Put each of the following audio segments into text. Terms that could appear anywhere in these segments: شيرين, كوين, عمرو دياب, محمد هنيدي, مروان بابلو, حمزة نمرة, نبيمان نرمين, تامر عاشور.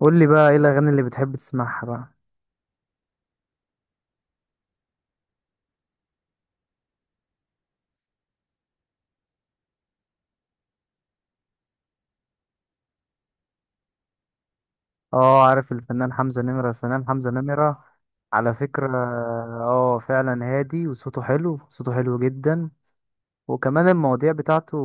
قول لي بقى ايه الاغاني اللي بتحب تسمعها بقى. اه، عارف الفنان حمزة نمرة. الفنان حمزة نمرة على فكرة. اه فعلا هادي وصوته حلو، صوته حلو جدا. وكمان المواضيع بتاعته،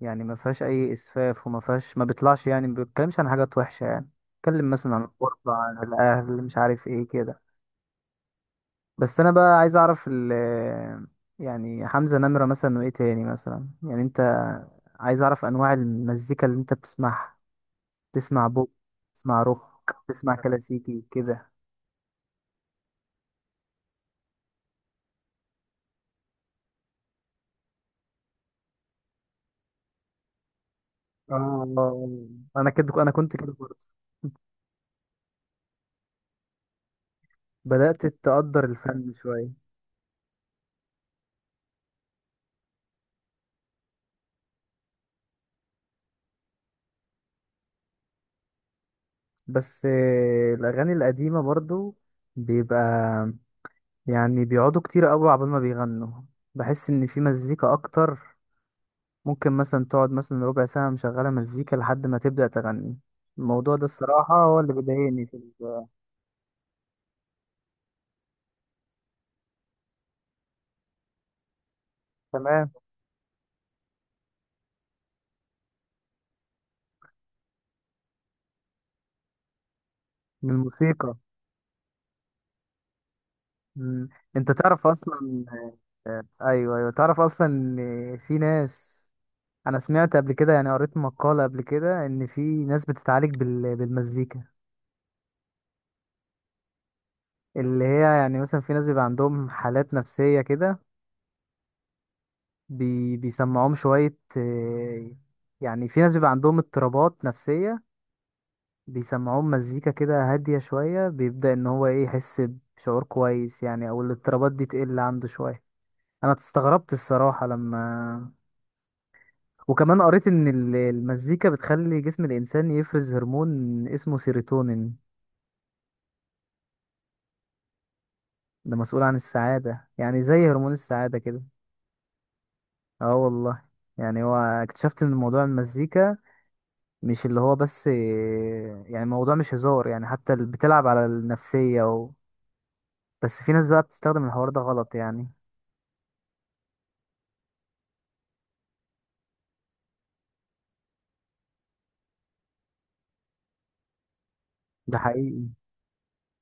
ما فيهاش اي اسفاف وما فيهاش، ما بيطلعش، ما بيتكلمش عن حاجات وحشة يعني. بيتكلم مثلا عن الغربة، عن الاهل، مش عارف ايه كده. بس انا بقى عايز اعرف يعني حمزة نمرة مثلا، وايه تاني مثلا؟ يعني انت عايز اعرف انواع المزيكا اللي انت بتسمعها، تسمع بوب، تسمع روك، تسمع كلاسيكي كده؟ آه، انا كده، انا كنت كده برضه. بدأت تقدر الفن شوية. بس آه، الاغاني القديمة برضو بيبقى، بيقعدوا كتير قوي عبال ما بيغنوا. بحس ان في مزيكا اكتر، ممكن مثلا تقعد مثلا ربع ساعة مشغلة مزيكا لحد ما تبدأ تغني. الموضوع ده الصراحة هو اللي بيضايقني في تمام. من الموسيقى. مم. انت تعرف اصلا؟ ايوه ايوه، تعرف اصلا ان في ناس، انا سمعت قبل كده، يعني قريت مقالة قبل كده، ان في ناس بتتعالج بالمزيكا. اللي هي يعني مثلا في ناس بيبقى عندهم حالات نفسية كده، بيسمعوهم شوية آه، يعني في ناس بيبقى عندهم اضطرابات نفسية، بيسمعوهم مزيكا كده هادية شوية، بيبدأ ان هو ايه، يحس بشعور كويس يعني، او الاضطرابات دي تقل عنده شوية. انا استغربت الصراحة لما، وكمان قريت ان المزيكا بتخلي جسم الانسان يفرز هرمون اسمه سيروتونين. ده مسؤول عن السعادة، يعني زي هرمون السعادة كده. اه والله. يعني هو، اكتشفت ان موضوع المزيكا مش اللي هو بس إيه، يعني موضوع مش هزار يعني، حتى اللي بتلعب على النفسية و... بس في ناس بقى بتستخدم الحوار ده غلط يعني. ده حقيقي،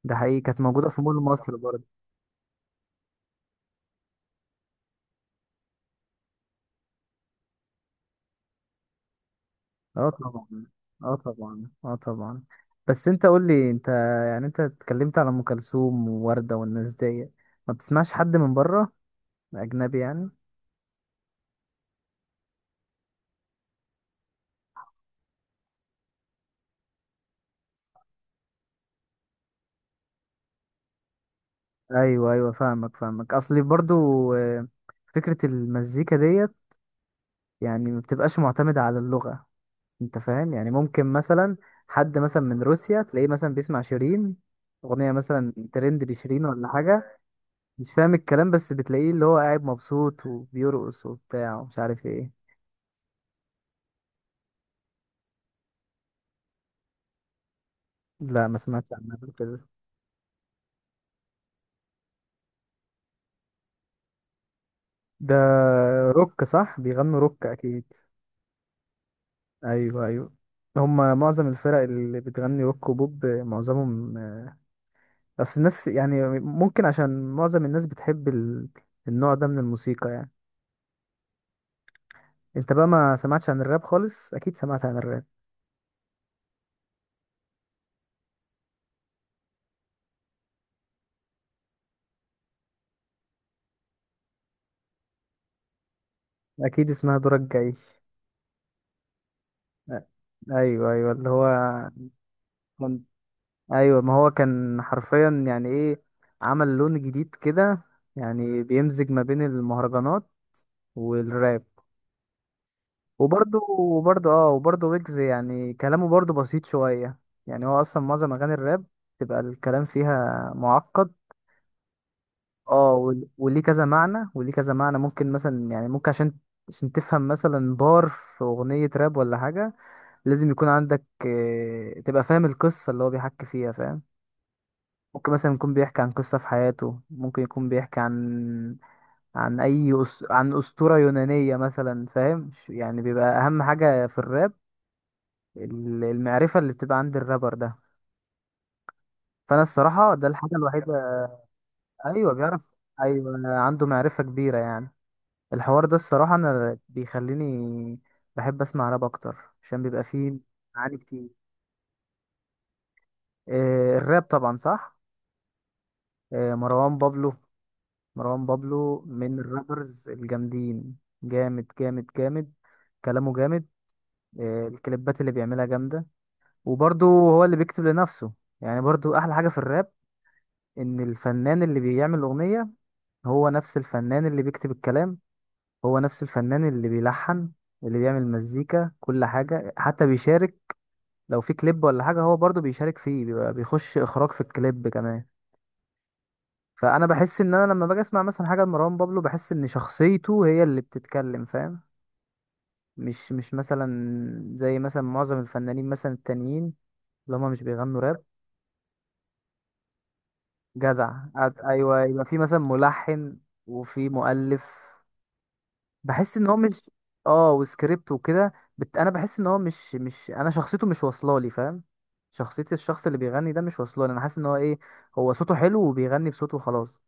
ده حقيقي، كانت موجودة في مول مصر برضه. اه طبعا، اه طبعا، اه طبعا. بس انت قول لي انت، يعني انت اتكلمت على ام كلثوم ووردة والناس دي، ما بتسمعش حد من بره؟ اجنبي يعني؟ ايوه ايوه، فاهمك، فاهمك اصلي برضو. آه، فكرة المزيكا ديت يعني ما بتبقاش معتمدة على اللغة. انت فاهم؟ يعني ممكن مثلا حد مثلا من روسيا تلاقيه مثلا بيسمع شيرين، اغنية مثلا ترند لشيرين ولا حاجة، مش فاهم الكلام، بس بتلاقيه اللي هو قاعد مبسوط وبيرقص وبتاع ومش عارف ايه. لا، ما سمعتش عنها قبل كده. ده روك، صح؟ بيغنوا روك اكيد. ايوه ايوه، هما معظم الفرق اللي بتغني روك وبوب معظمهم. بس الناس يعني، ممكن عشان معظم الناس بتحب النوع ده من الموسيقى يعني. انت بقى ما سمعتش عن الراب خالص؟ اكيد سمعت عن الراب. اكيد اسمها دورك جاي. أ- ايوه ايوه، اللي هو كان، ايوه ما هو كان حرفيا يعني ايه، عمل لون جديد كده. يعني بيمزج ما بين المهرجانات والراب. وبرضه اه، وبرضه ويجز يعني كلامه برضه بسيط شوية. يعني هو أصلا معظم أغاني الراب تبقى الكلام فيها معقد. اه، وليه كذا معنى، وليه كذا معنى، ممكن مثلا يعني، ممكن عشان، عشان تفهم مثلا بار في أغنية راب ولا حاجة، لازم يكون عندك آه، تبقى فاهم القصة اللي هو بيحكي فيها، فاهم؟ ممكن مثلا يكون بيحكي عن قصة في حياته، ممكن يكون بيحكي عن، عن عن أسطورة يونانية مثلا، فاهم؟ يعني بيبقى أهم حاجة في الراب المعرفة اللي بتبقى عند الرابر ده. فأنا الصراحة ده الحاجة الوحيدة. أيوة بيعرف، أيوة عنده معرفة كبيرة يعني. الحوار ده الصراحة أنا بيخليني بحب أسمع راب أكتر عشان بيبقى فيه معاني كتير. آه، الراب طبعا صح. آه، مروان بابلو. مروان بابلو من الرابرز الجامدين، جامد جامد جامد، كلامه جامد. آه، الكليبات اللي بيعملها جامدة، وبرضه هو اللي بيكتب لنفسه. يعني برضه أحلى حاجة في الراب ان الفنان اللي بيعمل اغنيه هو نفس الفنان اللي بيكتب الكلام، هو نفس الفنان اللي بيلحن، اللي بيعمل مزيكا، كل حاجة، حتى بيشارك لو في كليب ولا حاجة، هو برضو بيشارك فيه، بيبقى بيخش إخراج في الكليب كمان. فأنا بحس إن أنا لما باجي أسمع مثلا حاجة لمروان بابلو، بحس إن شخصيته هي اللي بتتكلم، فاهم؟ مش مثلا زي مثلا معظم الفنانين مثلا التانيين اللي هما مش بيغنوا راب. جدع. أيوه، يبقى في مثلا ملحن وفي مؤلف. بحس ان هو مش، اه وسكريبت وكده. انا بحس ان هو مش انا، شخصيته مش واصله لي، فاهم؟ شخصيه الشخص اللي بيغني ده مش واصله لي، انا حاسس ان هو ايه، هو صوته حلو وبيغني بصوته خلاص.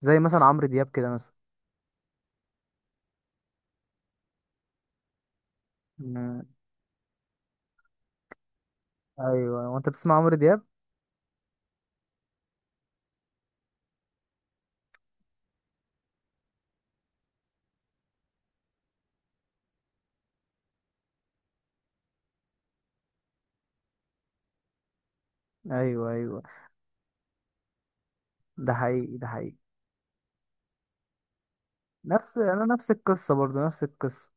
زي مثلا عمرو دياب كده مثلا. مم. ايوه، وانت بتسمع عمرو دياب؟ ايوه ايوه، ده حقيقي ده حقيقي، نفس، انا نفس القصه برضو، نفس القصه.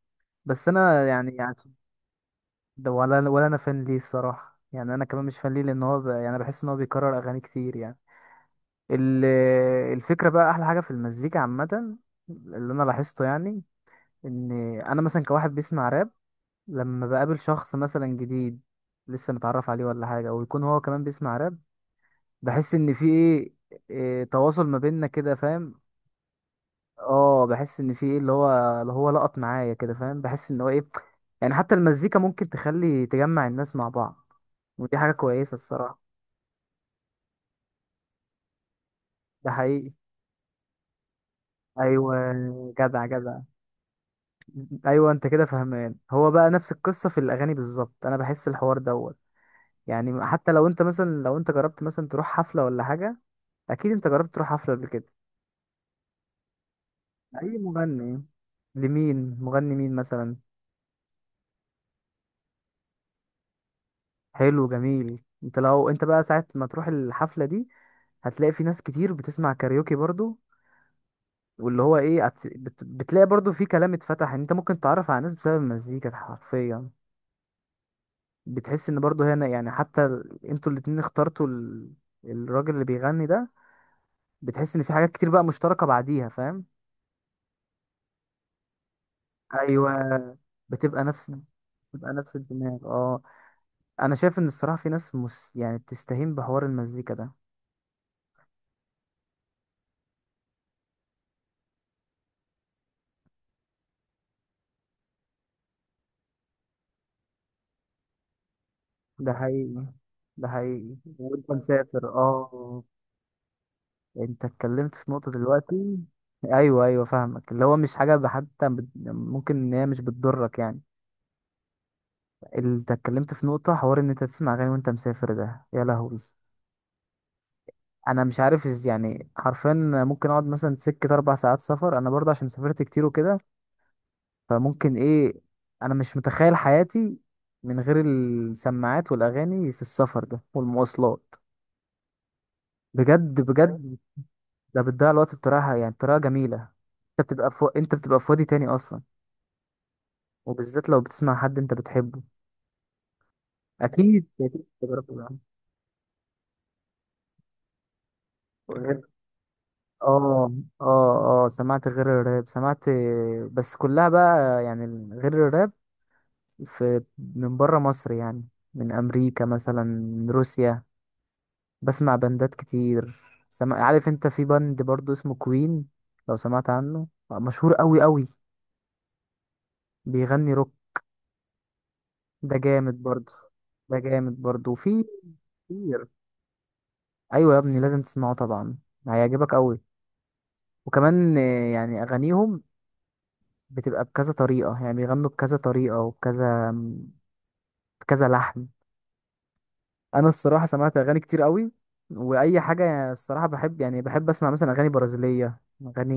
بس انا يعني يعني، ده ولا، ولا انا فان ليه الصراحه يعني، انا كمان مش فان ليه، لان هو ب... يعني بحس ان هو بيكرر اغاني كتير يعني. ال- الفكرة بقى، أحلى حاجة في المزيكا عامة اللي أنا لاحظته يعني، إن أنا مثلا كواحد بيسمع راب، لما بقابل شخص مثلا جديد، لسه متعرف عليه ولا حاجة، ويكون هو كمان بيسمع راب، بحس إن في إيه، إيه، تواصل ما بيننا كده، فاهم؟ اه، بحس إن في إيه، اللي هو اللي هو لقط معايا كده، فاهم؟ بحس إن هو إيه، يعني حتى المزيكا ممكن تخلي، تجمع الناس مع بعض، ودي حاجة كويسة الصراحة. ده حقيقي. أيوة، جدع جدع. ايوه انت كده فهمان، هو بقى نفس القصه في الاغاني بالظبط، انا بحس الحوار دوت. يعني حتى لو انت مثلا، لو انت جربت مثلا تروح حفله ولا حاجه، اكيد انت جربت تروح حفله قبل كده. اي مغني؟ لمين، مغني مين مثلا؟ حلو جميل. انت لو انت بقى ساعه ما تروح الحفله دي، هتلاقي في ناس كتير بتسمع كاريوكي برضو، واللي هو ايه، بتلاقي برضو في كلام اتفتح، ان انت ممكن تتعرف على ناس بسبب المزيكا حرفيا. بتحس ان برضه هنا يعني، حتى انتوا الاتنين اخترتوا الراجل اللي بيغني ده، بتحس ان في حاجات كتير بقى مشتركة بعديها، فاهم؟ ايوه. بتبقى بتبقى نفس الدماغ اه. انا شايف ان الصراحة في ناس يعني بتستهين بحوار المزيكا ده. ده حقيقي، ده حقيقي، وانت مسافر اه. انت اتكلمت في نقطة دلوقتي. ايوه ايوه فاهمك، اللي هو مش حاجة، ممكن ان هي مش بتضرك يعني. انت اتكلمت في نقطة، حوار ان انت تسمع اغاني وانت مسافر، ده يا لهوي، انا مش عارف يعني حرفيا، ممكن اقعد مثلا سكة 4 ساعات سفر، انا برضه عشان سافرت كتير وكده، فممكن ايه، انا مش متخيل حياتي من غير السماعات والاغاني في السفر ده والمواصلات، بجد بجد. ده بتضيع الوقت بطريقة يعني، بطريقة جميلة. انت بتبقى في، انت بتبقى في وادي تاني اصلا، وبالذات لو بتسمع حد انت بتحبه. اكيد اكيد تجربة. اه اه، اه سمعت غير الراب، سمعت، بس كلها بقى يعني غير الراب في، من بره مصر يعني، من امريكا مثلا، من روسيا، بسمع بندات كتير. سمع، عارف انت في بند برضو اسمه كوين؟ لو سمعت عنه، مشهور قوي قوي، بيغني روك. ده جامد برضو، ده جامد برضو، وفي كتير. ايوه يا ابني، لازم تسمعه طبعا، هيعجبك قوي. وكمان آه، يعني اغانيهم بتبقى بكذا طريقة، يعني بيغنوا بكذا طريقة، وبكذا كذا لحن. انا الصراحه سمعت اغاني كتير قوي، واي حاجه الصراحه بحب، يعني بحب اسمع مثلا اغاني برازيليه، اغاني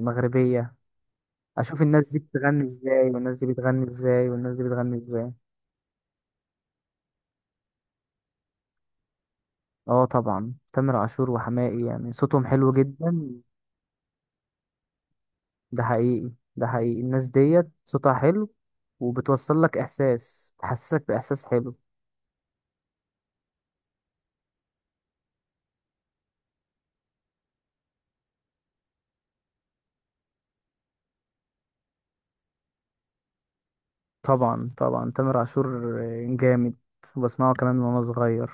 مغربيه، اشوف الناس دي بتغني ازاي، والناس دي بتغني ازاي، والناس دي بتغني ازاي. اه طبعا تامر عاشور وحماقي يعني صوتهم حلو جدا. ده حقيقي، ده حقيقي، الناس ديت صوتها حلو، وبتوصل لك احساس، تحسسك باحساس حلو. طبعا طبعا، تامر عاشور جامد. بسمعه كمان من وانا صغير.